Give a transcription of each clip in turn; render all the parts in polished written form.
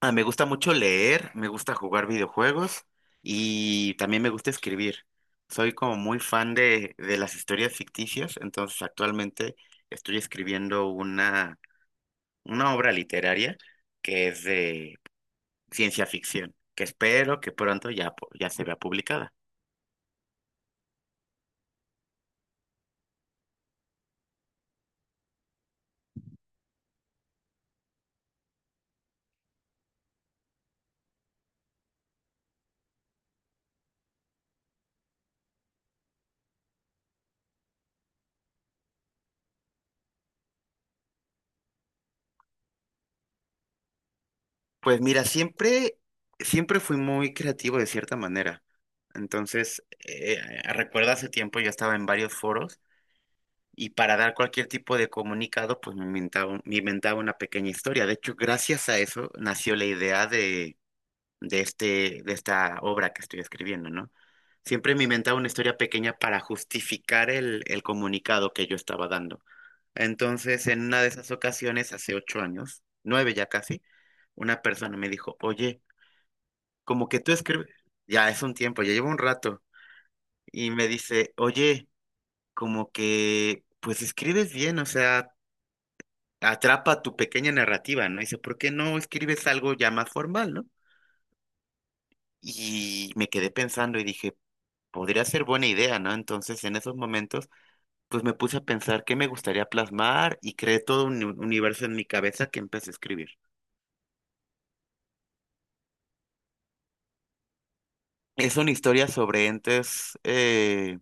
Ah, me gusta mucho leer, me gusta jugar videojuegos y también me gusta escribir. Soy como muy fan de las historias ficticias, entonces actualmente estoy escribiendo una obra literaria que es de ciencia ficción, que espero que pronto ya, ya se vea publicada. Pues mira, siempre fui muy creativo de cierta manera. Entonces, recuerdo hace tiempo yo estaba en varios foros. Y para dar cualquier tipo de comunicado, pues me inventaba, me inventaba una pequeña historia. De hecho, gracias a eso nació la idea de esta obra que estoy escribiendo, ¿no? Siempre me inventaba una historia pequeña para justificar el comunicado que yo estaba dando. Entonces, en una de esas ocasiones, hace 8 años, nueve ya casi, una persona me dijo, oye, como que tú escribes, ya es un tiempo, ya llevo un rato, y me dice, oye, como que, pues escribes bien, o sea... atrapa tu pequeña narrativa, ¿no? Y dice, ¿por qué no escribes algo ya más formal, ¿no? Y me quedé pensando y dije, podría ser buena idea, ¿no? Entonces, en esos momentos, pues me puse a pensar qué me gustaría plasmar y creé todo un universo en mi cabeza que empecé a escribir. Es una historia sobre entes,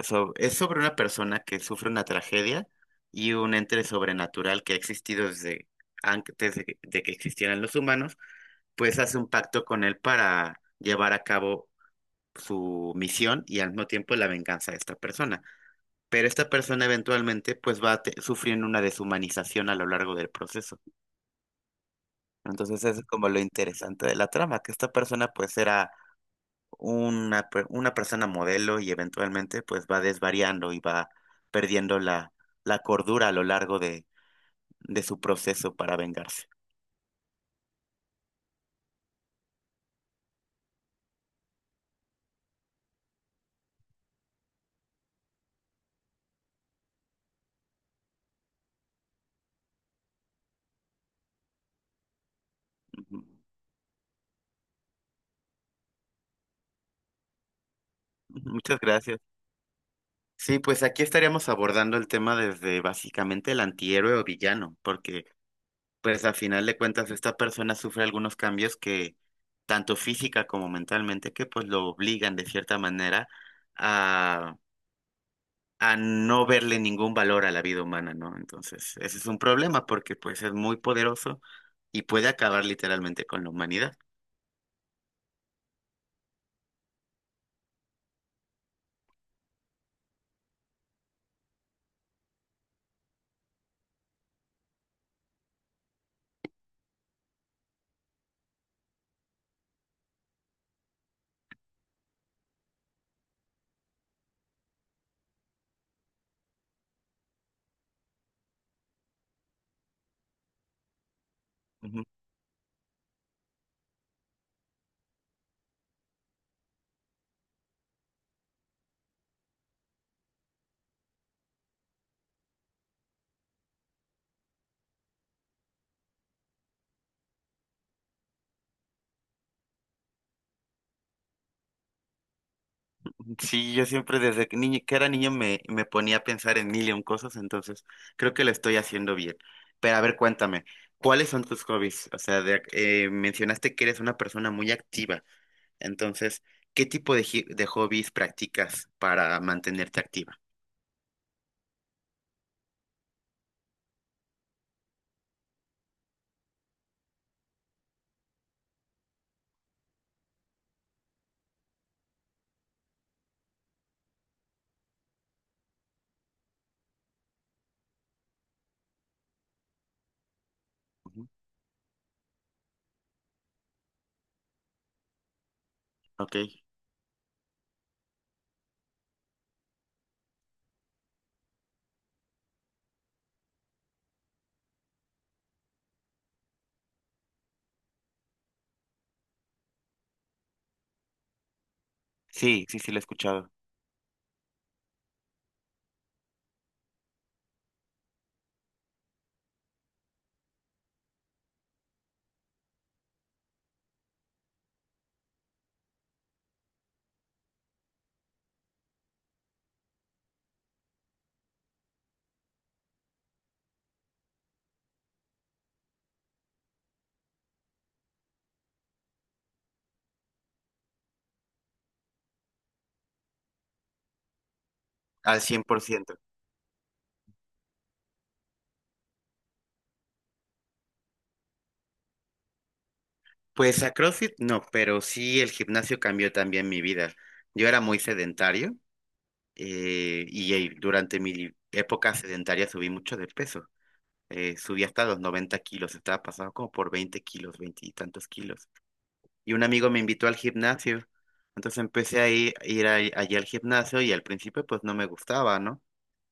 es sobre una persona que sufre una tragedia y un ente sobrenatural que ha existido desde antes de que existieran los humanos, pues hace un pacto con él para llevar a cabo su misión y al mismo tiempo la venganza de esta persona. Pero esta persona eventualmente pues sufriendo una deshumanización a lo largo del proceso. Entonces eso es como lo interesante de la trama, que esta persona pues era una persona modelo y eventualmente pues va desvariando y va perdiendo la cordura a lo largo de su proceso para vengarse. Ujú. Muchas gracias. Sí, pues aquí estaríamos abordando el tema desde básicamente el antihéroe o villano, porque pues a final de cuentas, esta persona sufre algunos cambios que, tanto física como mentalmente, que pues lo obligan de cierta manera a, a no verle ningún valor a la vida humana, ¿no? Entonces, ese es un problema porque pues es muy poderoso y puede acabar literalmente con la humanidad. Sí, yo siempre desde que era niño me ponía a pensar en mil y un cosas, entonces creo que lo estoy haciendo bien. Pero a ver, cuéntame, ¿cuáles son tus hobbies? O sea, mencionaste que eres una persona muy activa, entonces, ¿qué tipo de hobbies practicas para mantenerte activa? Ujú. Ok, sí, sí, sí, lo he escuchado. Al cien por ciento. Pues a CrossFit no, pero sí el gimnasio cambió también mi vida. Yo era muy sedentario, durante mi época sedentaria subí mucho de peso. Subí hasta los 90 kilos, estaba pasado como por 20 kilos, 20 y tantos kilos. Y un amigo me invitó al gimnasio. Entonces empecé a allí al gimnasio y al principio pues no me gustaba, ¿no?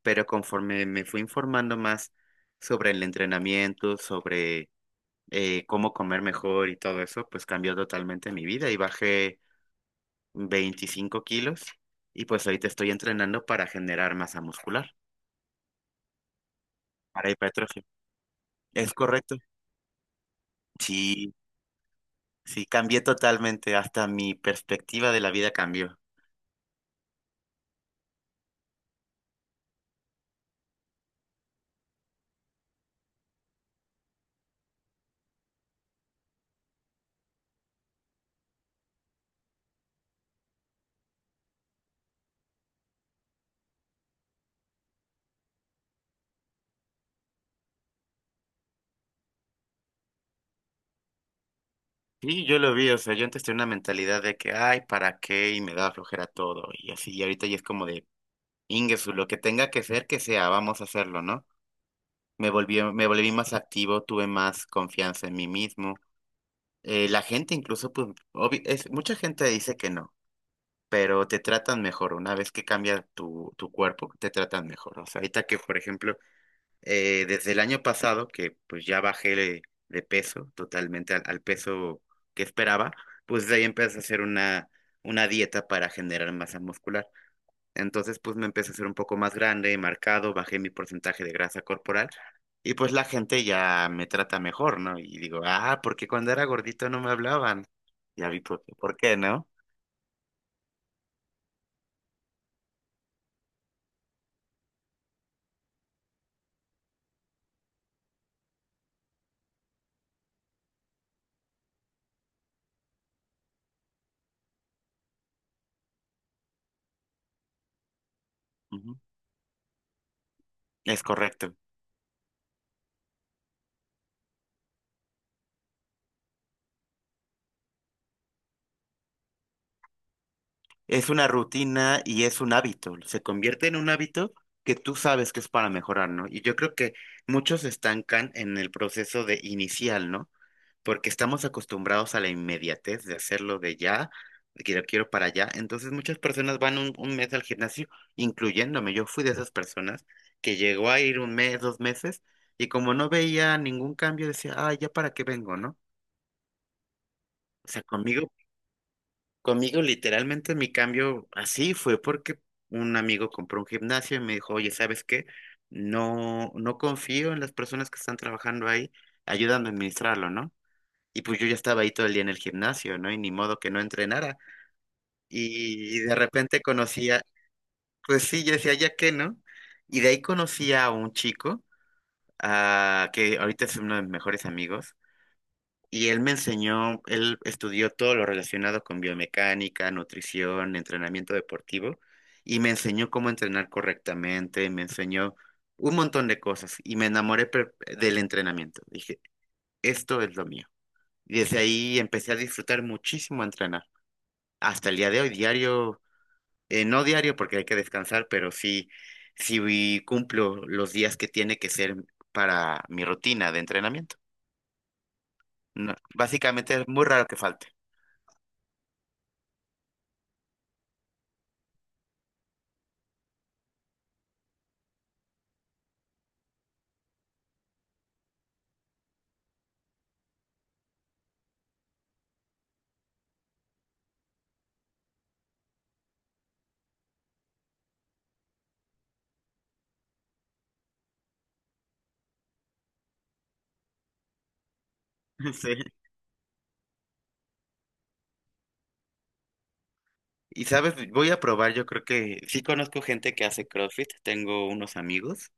Pero conforme me fui informando más sobre el entrenamiento, sobre cómo comer mejor y todo eso, pues cambió totalmente mi vida y bajé 25 kilos y pues ahorita estoy entrenando para generar masa muscular. Para hipertrofia. Es correcto. Sí, sí, cambié totalmente. Hasta mi perspectiva de la vida cambió. Sí, yo lo vi. O sea, yo antes tenía una mentalidad de que, ay, ¿para qué? Y me daba flojera todo. Y así, y ahorita ya es como de, Ingesu, lo que tenga que ser, que sea, vamos a hacerlo, ¿no? Me volví más activo, tuve más confianza en mí mismo. La gente incluso, pues, mucha gente dice que no, pero te tratan mejor. Una vez que cambia tu cuerpo, te tratan mejor. O sea, ahorita que, por ejemplo, desde el año pasado, que pues ya de peso totalmente al peso que esperaba, pues de ahí empecé a hacer una dieta para generar masa muscular. Entonces, pues me empecé a hacer un poco más grande, marcado, bajé mi porcentaje de grasa corporal y pues la gente ya me trata mejor, ¿no? Y digo, ah, porque cuando era gordito no me hablaban. Ya vi por qué, ¿no? Ujú. Es correcto. Es una rutina y es un hábito. Se convierte en un hábito que tú sabes que es para mejorar, ¿no? Y yo creo que muchos se estancan en el proceso de inicial, ¿no? Porque estamos acostumbrados a la inmediatez de hacerlo de ya, de que lo quiero para allá. Entonces muchas personas van un mes al gimnasio, incluyéndome. Yo fui de esas personas que llegó a ir un mes, dos meses, y como no veía ningún cambio, decía, ah, ya para qué vengo, ¿no? O sea, conmigo, literalmente, mi cambio así fue porque un amigo compró un gimnasio y me dijo, oye, ¿sabes qué? No confío en las personas que están trabajando ahí, ayúdame a administrarlo, ¿no? Y pues yo ya estaba ahí todo el día en el gimnasio, ¿no? Y ni modo que no entrenara. Y de repente conocía, pues sí, yo decía, ¿ya qué, no? Y de ahí conocí a un chico, ah, que ahorita es uno de mis mejores amigos, y él me enseñó, él estudió todo lo relacionado con biomecánica, nutrición, entrenamiento deportivo, y me enseñó cómo entrenar correctamente, me enseñó un montón de cosas, y me enamoré del entrenamiento. Dije, esto es lo mío. Y desde ahí empecé a disfrutar muchísimo entrenar. Hasta el día de hoy, diario, no diario porque hay que descansar, pero sí, sí cumplo los días que tiene que ser para mi rutina de entrenamiento. No, básicamente es muy raro que falte. Sí. Y sabes, voy a probar, yo creo que sí conozco gente que hace CrossFit, tengo unos amigos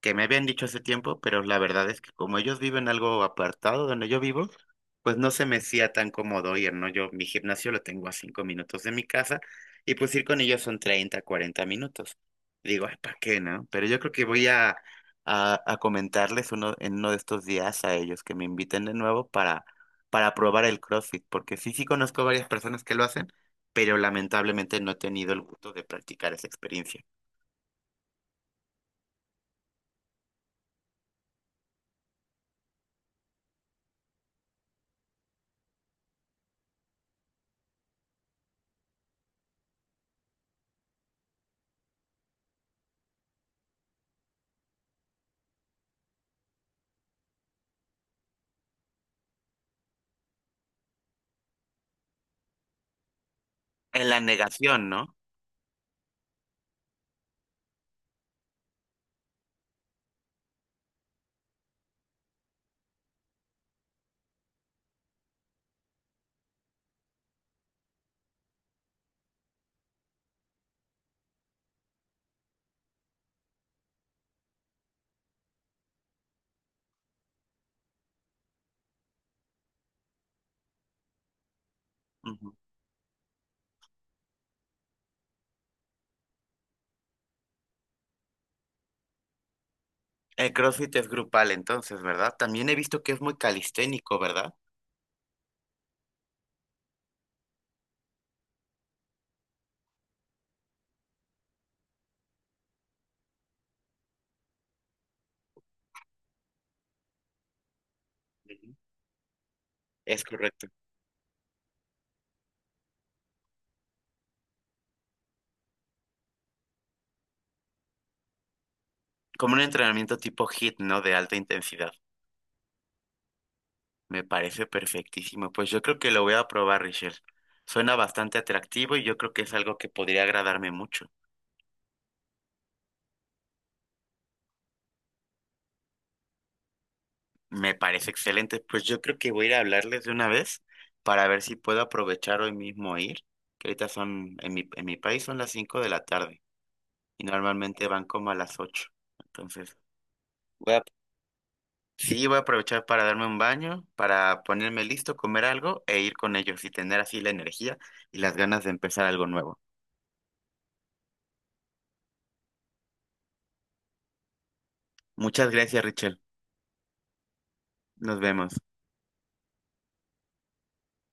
que me habían dicho hace tiempo, pero la verdad es que como ellos viven algo apartado de donde yo vivo, pues no se me hacía tan cómodo ir, ¿no? Yo mi gimnasio lo tengo a 5 minutos de mi casa y pues ir con ellos son 30 40 minutos. Digo, ay, ¿para qué, no? Pero yo creo que voy a comentarles uno, en uno de estos días a ellos que me inviten de nuevo para probar el CrossFit, porque sí, sí conozco varias personas que lo hacen, pero lamentablemente no he tenido el gusto de practicar esa experiencia. En la negación, ¿no? El CrossFit es grupal, entonces, ¿verdad? También he visto que es muy calisténico, ¿verdad? Ujú. Es correcto. Como un entrenamiento tipo HIIT, ¿no? De alta intensidad. Me parece perfectísimo. Pues yo creo que lo voy a probar, Richel. Suena bastante atractivo y yo creo que es algo que podría agradarme mucho. Me parece excelente. Pues yo creo que voy a ir a hablarles de una vez para ver si puedo aprovechar hoy mismo ir, que ahorita son, en mi país son las 5 de la tarde y normalmente van como a las 8. Entonces... Sí, voy a aprovechar para darme un baño, para ponerme listo, comer algo e ir con ellos y tener así la energía y las ganas de empezar algo nuevo. Muchas gracias, Richel. Nos vemos.